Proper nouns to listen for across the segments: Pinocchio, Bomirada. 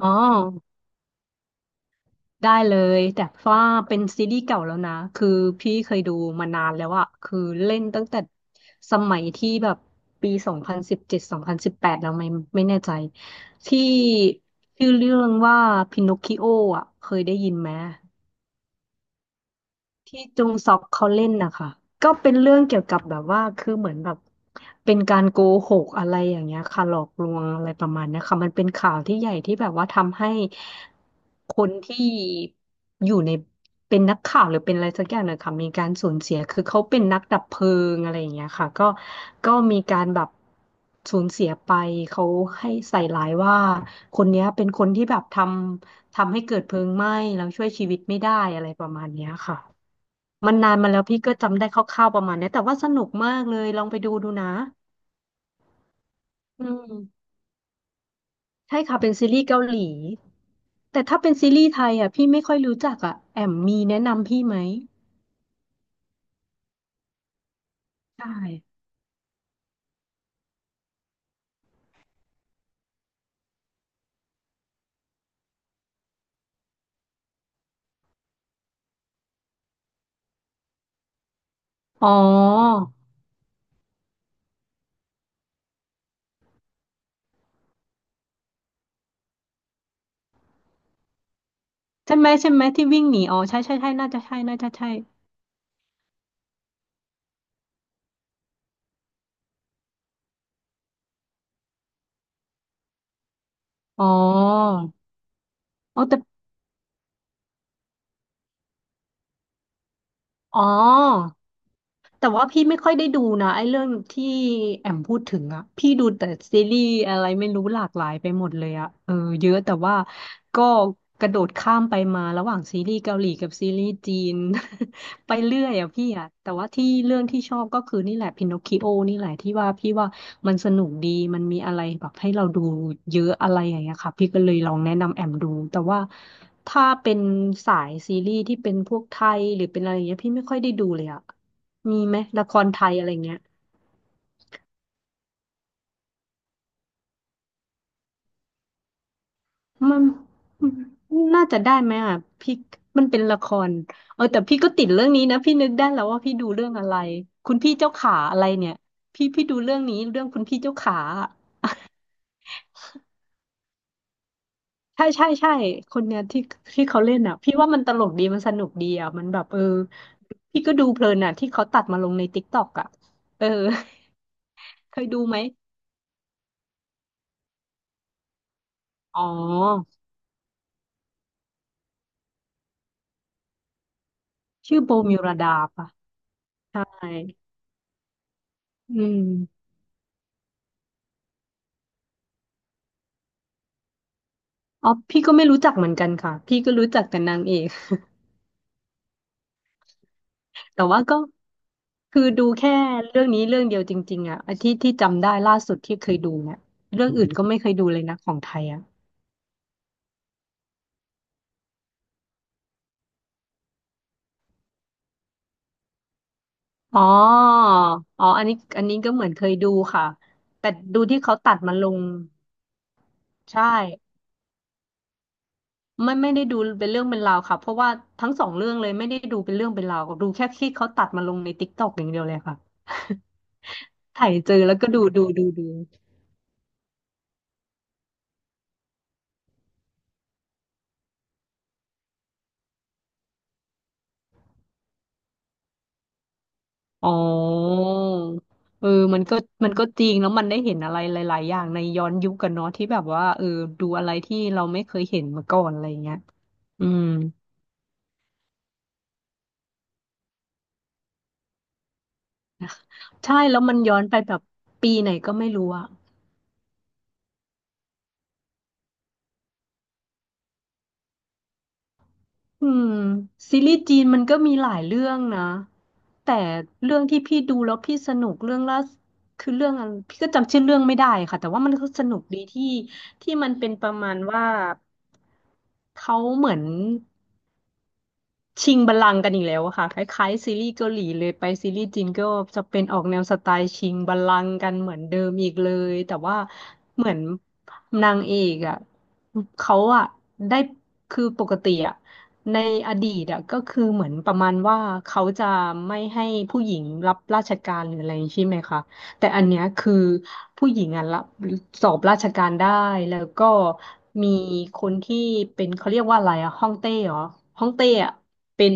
อ๋อได้เลยแต่ว่าเป็นซีรีส์เก่าแล้วนะคือพี่เคยดูมานานแล้วอะคือเล่นตั้งแต่สมัยที่แบบปี20172018แล้วไม่แน่ใจที่ชื่อเรื่องว่าพินอคคิโออะเคยได้ยินไหม ที่จงซอกเขาเล่นนะคะ ก็เป็นเรื่องเกี่ยวกับแบบว่าคือเหมือนแบบเป็นการโกหกอะไรอย่างเงี้ยค่ะหลอกลวงอะไรประมาณเนี้ยค่ะมันเป็นข่าวที่ใหญ่ที่แบบว่าทำให้คนที่อยู่ในเป็นนักข่าวหรือเป็นอะไรสักอย่างเนี่ยค่ะมีการสูญเสีย คือเขาเป็นนักดับเพลิงอะไรอย่างเงี้ยค่ะก็มีการแบบสูญเสียไป เขาให้ใส่ร้ายว่าคนเนี้ยเป็นคนที่แบบทำให้เกิดเพลิงไหม้แล้วช่วยชีวิตไม่ได้อะไรประมาณเนี้ยค่ะ มันนานมาแล้วพี่ก็จำได้คร่าวๆประมาณเนี้ยแต่ว่าสนุกมากเลยลองไปดูดูนะอืมใช่ค่ะเป็นซีรีส์เกาหลีแต่ถ้าเป็นซีรีส์ไทยอ่ะพี่ไม่ค่อยรู้จักอ่ะแอมมีแนะนำพี่ไหมใช่อ๋อใช่ไหมใช่ไหมที่วิ่งหนีอ๋อใช่ใช่ใช่น่าจะใช่น่าจะใช่อ๋ออ๋อแต่อ๋อ แต่ว่าพี่ไม่ค่อยได้ดูนะไอ้เรื่องที่แอมพูดถึงอะพี่ดูแต่ซีรีส์อะไรไม่รู้หลากหลายไปหมดเลยอะเออเยอะแต่ว่าก็กระโดดข้ามไปมาระหว่างซีรีส์เกาหลีกับซีรีส์จีน ไปเรื่อยอะพี่อะแต่ว่าที่เรื่องที่ชอบก็คือนี่แหละพินอคคิโอนี่แหละที่ว่าพี่ว่ามันสนุกดีมันมีอะไรแบบให้เราดูเยอะอะไรอย่างเงี้ยค่ะพี่ก็เลยลองแนะนำแอมดูแต่ว่าถ้าเป็นสายซีรีส์ที่เป็นพวกไทยหรือเป็นอะไรอย่างเงี้ยพี่ไม่ค่อยได้ดูเลยอะ มีไหมละครไทยอะไรเงี้ยมันน่าจะได้ไหมอ่ะพี่มันเป็นละครเออแต่พี่ก็ติดเรื่องนี้นะพี่นึกได้แล้วว่าพี่ดูเรื่องอะไรคุณพี่เจ้าขาอะไรเนี่ยพี่ดูเรื่องนี้เรื่องคุณพี่เจ้าขาอะใช่ใช่ใช่คนเนี้ยที่ที่เขาเล่นอ่ะพี่ว่ามันตลกดีมันสนุกดีอ่ะมันแบบเออพี่ก็ดูเพลินอ่ะที่เขาตัดมาลงในติ๊กต็อกอ่ะเออ เคยดูไหมอ๋อชื่อโบมิวราดาป่ะใช่อืม อ๋อพี่ก็ไม่รู้จักเหมือนกันค่ะพี่ก็รู้จักแต่นางเอก แต่ว่าก็คือดูแค่เรื่องนี้เรื่องเดียวจริงๆอ่ะไอ้ที่ที่จำได้ล่าสุดที่เคยดูเนี่ยเรื่องอื่นก็ไม่เคยดูเลยนะของไทยอ่ะอ๋ออ๋ออันนี้อันนี้ก็เหมือนเคยดูค่ะแต่ดูที่เขาตัดมาลงใช่ไม่ได้ดูเป็นเรื่องเป็นราวค่ะเพราะว่าทั้งสองเรื่องเลยไม่ได้ดูเป็นเรื่องเป็นราวดูแค่ที่เขาตัดมาลงในติ๊กต็อกอย่างเดียวเลยค่ะ ถ่ายเจอแล้วก็ดูดูดูดู อ๋อเออมันก็มันก็จริงแล้วมันได้เห็นอะไรหลายๆอย่างในย้อนยุคกันเนาะที่แบบว่าเออดูอะไรที่เราไม่เคยเห็นมาก่อนอะไรอย่างเงี้ยอืมใช่แล้วมันย้อนไปแบบปีไหนก็ไม่รู้อะอืมซีรีส์จีนมันก็มีหลายเรื่องนะแต่เรื่องที่พี่ดูแล้วพี่สนุกเรื่องล่าสคือเรื่องอะไรพี่ก็จำชื่อเรื่องไม่ได้ค่ะแต่ว่ามันก็สนุกดีที่ที่มันเป็นประมาณว่าเขาเหมือน ชิงบัลลังก์กันอีกแล้วอะค่ะคล้ายๆซีรีส์เกาหลีเลยไปซีรีส์จีนก็จะเป็นออกแนวสไตล์ชิงบัลลังก์กันเหมือนเดิมอีกเลยแต่ว่าเหมือนนางเอกอะเขาอะได้คือปกติอะในอดีตอะก็คือเหมือนประมาณว่าเขาจะไม่ให้ผู้หญิงรับราชการหรืออะไรใช่ไหมคะ แต่อันเนี้ยคือผู้หญิงอ่ะรับสอบราชการได้แล้วก็มีคนที่เป็นเขาเรียกว่าอะไรอ่ะฮ่องเต้เหรอฮ่องเต้อ่ะเป็น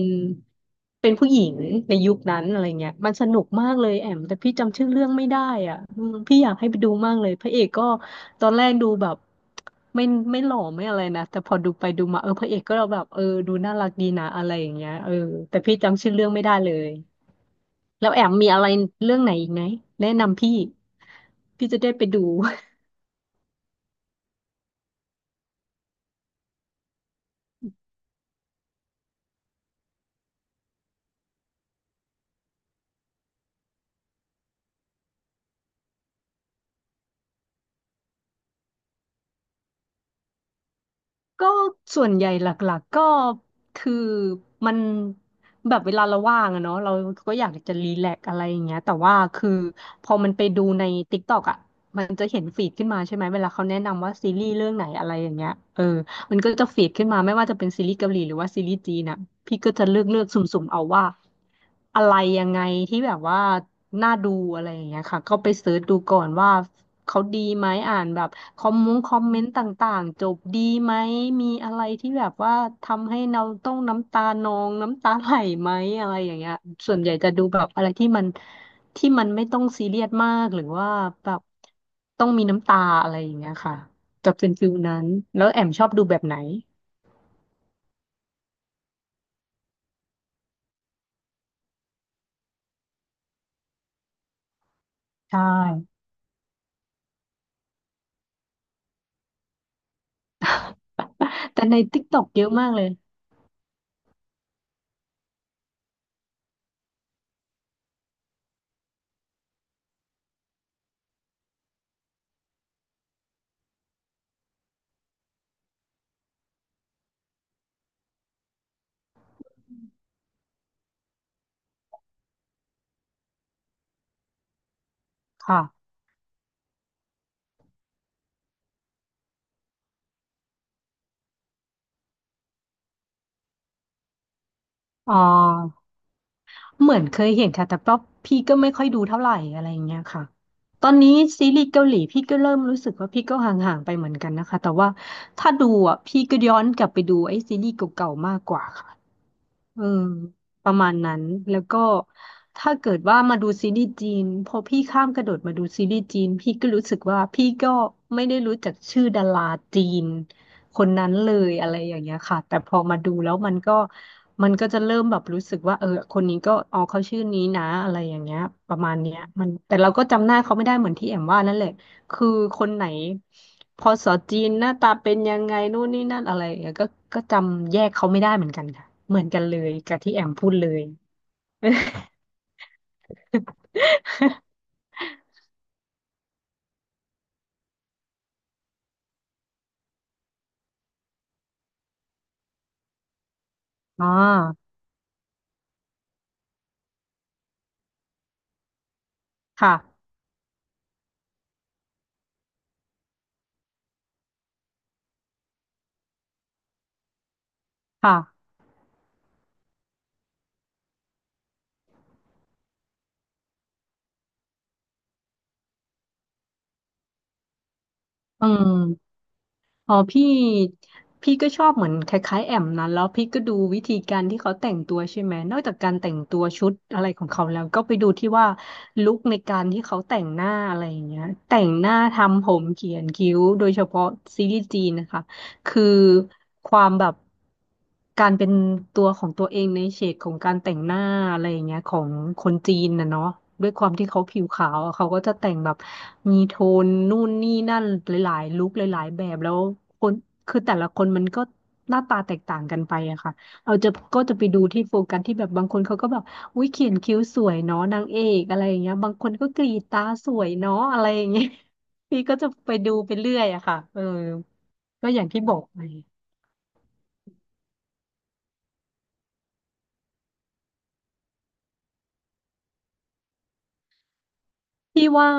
เป็นผู้หญิงในยุคนั้นอะไรเงี้ยมันสนุกมากเลยแอมแต่พี่จำชื่อเรื่องไม่ได้อ่ะอืมพี่อยากให้ไปดูมากเลยพระเอกก็ตอนแรกดูแบบไม่ไม่หล่อไม่อะไรนะแต่พอดูไปดูมาเออพระเอกก็แบบเออดูน่ารักดีนะอะไรอย่างเงี้ยเออแต่พี่จำชื่อเรื่องไม่ได้เลย แล้วแอมมีอะไรเรื่องไหนอีกไหมแนะนำพี่พี่จะได้ไปดู ก็ส่วนใหญ่หลักๆก็คือมันแบบเวลาเราว่างอะเนาะเราก็อยากจะรีแลกซ์อะไรอย่างเงี้ยแต่ว่าคือพอมันไปดูใน TikTok อะมันจะเห็นฟีดขึ้นมาใช่ไหมเวลาเขาแนะนำว่าซีรีส์เรื่องไหนอะไรอย่างเงี้ยเออมันก็จะฟีดขึ้นมาไม่ว่าจะเป็นซีรีส์เกาหลีหรือว่าซีรีส์จีนอะพี่ก็จะเลือกสุ่มๆเอาว่าอะไรยังไงที่แบบว่าน่าดูอะไรอย่างเงี้ยค่ะก็ไปเสิร์ชดูก่อนว่าเขาดีไหมอ่านแบบ คอมเมนต์ต่างๆจบดีไหมมีอะไรที่แบบว่าทำให้เราต้องน้ำตาไหลไหมอะไรอย่างเงี้ยส่วนใหญ่จะดูแบบอะไรที่มันไม่ต้องซีเรียสมากหรือว่าแบบต้องมีน้ำตาอะไรอย่างเงี้ยค่ะจะเป็นฟิลนั้นแล้วแอมชอบดูแบบไหนใช่ แต่ใน TikTok เยอะมากเลยค่ะอ๋อ เหมือนเคยเห็นค่ะแต่ก็พี่ก็ไม่ค่อยดูเท่าไหร่อะไรอย่างเงี้ยค่ะตอนนี้ซีรีส์เกาหลีพี่ก็เริ่มรู้สึกว่าพี่ก็ห่างๆไปเหมือนกันนะคะแต่ว่าถ้าดูอ่ะพี่ก็ย้อนกลับไปดูไอ้ซีรีส์เก่าๆมากกว่าค่ะ เออประมาณนั้นแล้วก็ถ้าเกิดว่ามาดูซีรีส์จีนพอพี่ข้ามกระโดดมาดูซีรีส์จีนพี่ก็รู้สึกว่าพี่ก็ไม่ได้รู้จักชื่อดาราจีนคนนั้นเลยอะไรอย่างเงี้ยค่ะแต่พอมาดูแล้วมันก็จะเริ่มแบบรู้สึกว่าเออคนนี้ก็อ๋อเขาชื่อนี้นะอะไรอย่างเงี้ยประมาณเนี้ยมันแต่เราก็จำหน้าเขาไม่ได้เหมือนที่แอมว่านั่นแหละ คือคนไหนพอสอจีนหน้าตาเป็นยังไงนู่นนี่นั่นอะไรอย่างเงี้ยก็จำแยกเขาไม่ได้เหมือนกันค่ะเหมือนกันเลยกับที่แอมพูดเลย อ๋อค่ะค่ะอืมอ๋อพี่ก็ชอบเหมือนคล้ายๆแอมนั้นแล้วพี่ก็ดูวิธีการที่เขาแต่งตัวใช่ไหมนอกจากการแต่งตัวชุดอะไรของเขาแล้วก็ไปดูที่ว่าลุคในการที่เขาแต่งหน้าอะไรอย่างเงี้ยแต่งหน้าทำผมเขียนคิ้วโดยเฉพาะซีรีส์จีนนะคะ คือความแบบการเป็นตัวของตัวเองในเฉดของการแต่งหน้าอะไรอย่างเงี้ยของคนจีนนะเนาะด้วยความที่เขาผิวขาวอะเขาก็จะแต่งแบบมีโทนนู่นนี่นั่นหลายๆลุคหลายๆแบบแล้วคนคือแต่ละคนมันก็หน้าตาแตกต่างกันไปอะค่ะเราจะก็จะไปดูที่โฟกัสที่แบบบางคนเขาก็แบบอุ้ยเขียนคิ้วสวยเนาะนางเอกอะไรอย่างเงี้ยบางคนก็กรีดตาสวยเนาะอะไรอย่างเงี้ย พี่ก็จะไปดูไปเรื่อยอะค่ะเออก็อย่างที่บอกไปพี่ว่า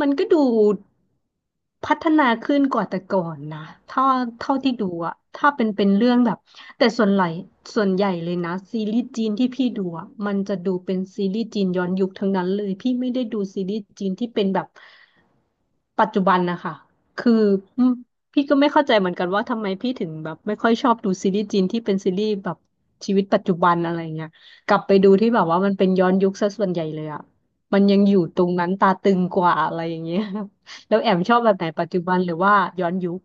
มันก็ดูพัฒนาขึ้นกว่าแต่ก่อนนะถ้าเท่าที่ดูอะถ้าเป็นเรื่องแบบแต่ส่วนใหญ่เลยนะซีรีส์จีนที่พี่ดูอะมันจะดูเป็นซีรีส์จีนย้อนยุคทั้งนั้นเลยพี่ไม่ได้ดูซีรีส์จีนที่เป็นแบบปัจจุบันนะคะคืออืมพี่ก็ไม่เข้าใจเหมือนกันว่าทำไมพี่ถึงแบบไม่ค่อยชอบดูซีรีส์จีนที่เป็นซีรีส์แบบชีวิตปัจจุบันอะไรเงี้ยกลับไปดูที่แบบว่ามันเป็นย้อนยุคซะส่วนใหญ่เลยอะ มันยังอยู่ตรงนั้นตาตึงกว่าอะไรอย่างเงี้ย แล้วแอมชอบแบบไหนปัจจุบันหรือว่าย้อนยุค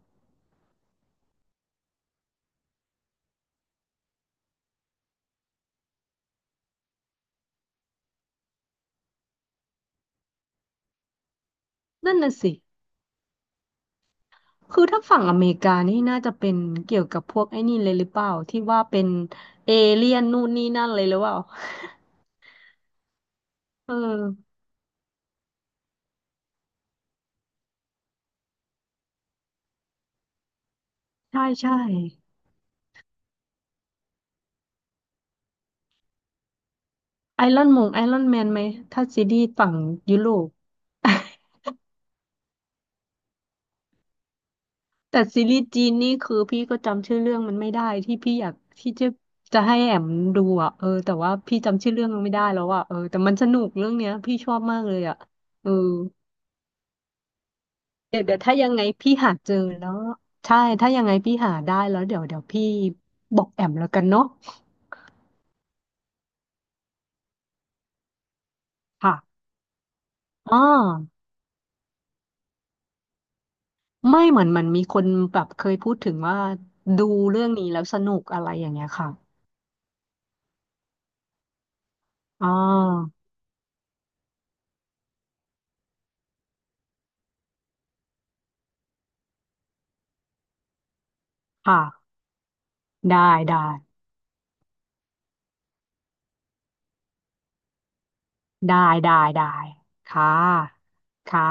นั่นน่ะสิคือถ้าฝั่งอเมริกานี่น่าจะเป็นเกี่ยวกับพวกไอ้นี่เลยหรือเปล่าที่ว่าเป็นเอเลี่ยนนู่นนี่นั่นเลยหรือเปล่า เออใช่ใช่ไอรอนแมนไหมถ้าซีรีส์ฝั่งยุโรป แต่ซีรีส์จีนนี่คือพี่ก็จำชื่อเรื่องมันไม่ได้ที่พี่อยากที่จะให้แอมดูอ่ะเออแต่ว่าพี่จำชื่อเรื่องมันไม่ได้แล้วอ่ะเออแต่มันสนุกเรื่องเนี้ยพี่ชอบมากเลยอ่ะเออเดี๋ยวถ้ายังไงพี่หาเจอแล้วใช่ถ้ายังไงพี่หาได้แล้วเดี๋ยวพี่บอกแอมแล้วกันเนาะค่ะอ๋อไม่เหมือนมันมีคนแบบเคยพูดถึงว่าดูเรื่องนี้แล้วสนุกอะไรอย่างเงี้ยค่ะอ๋อค่ะได้ได้ ได้ได้ค่ะค่ะ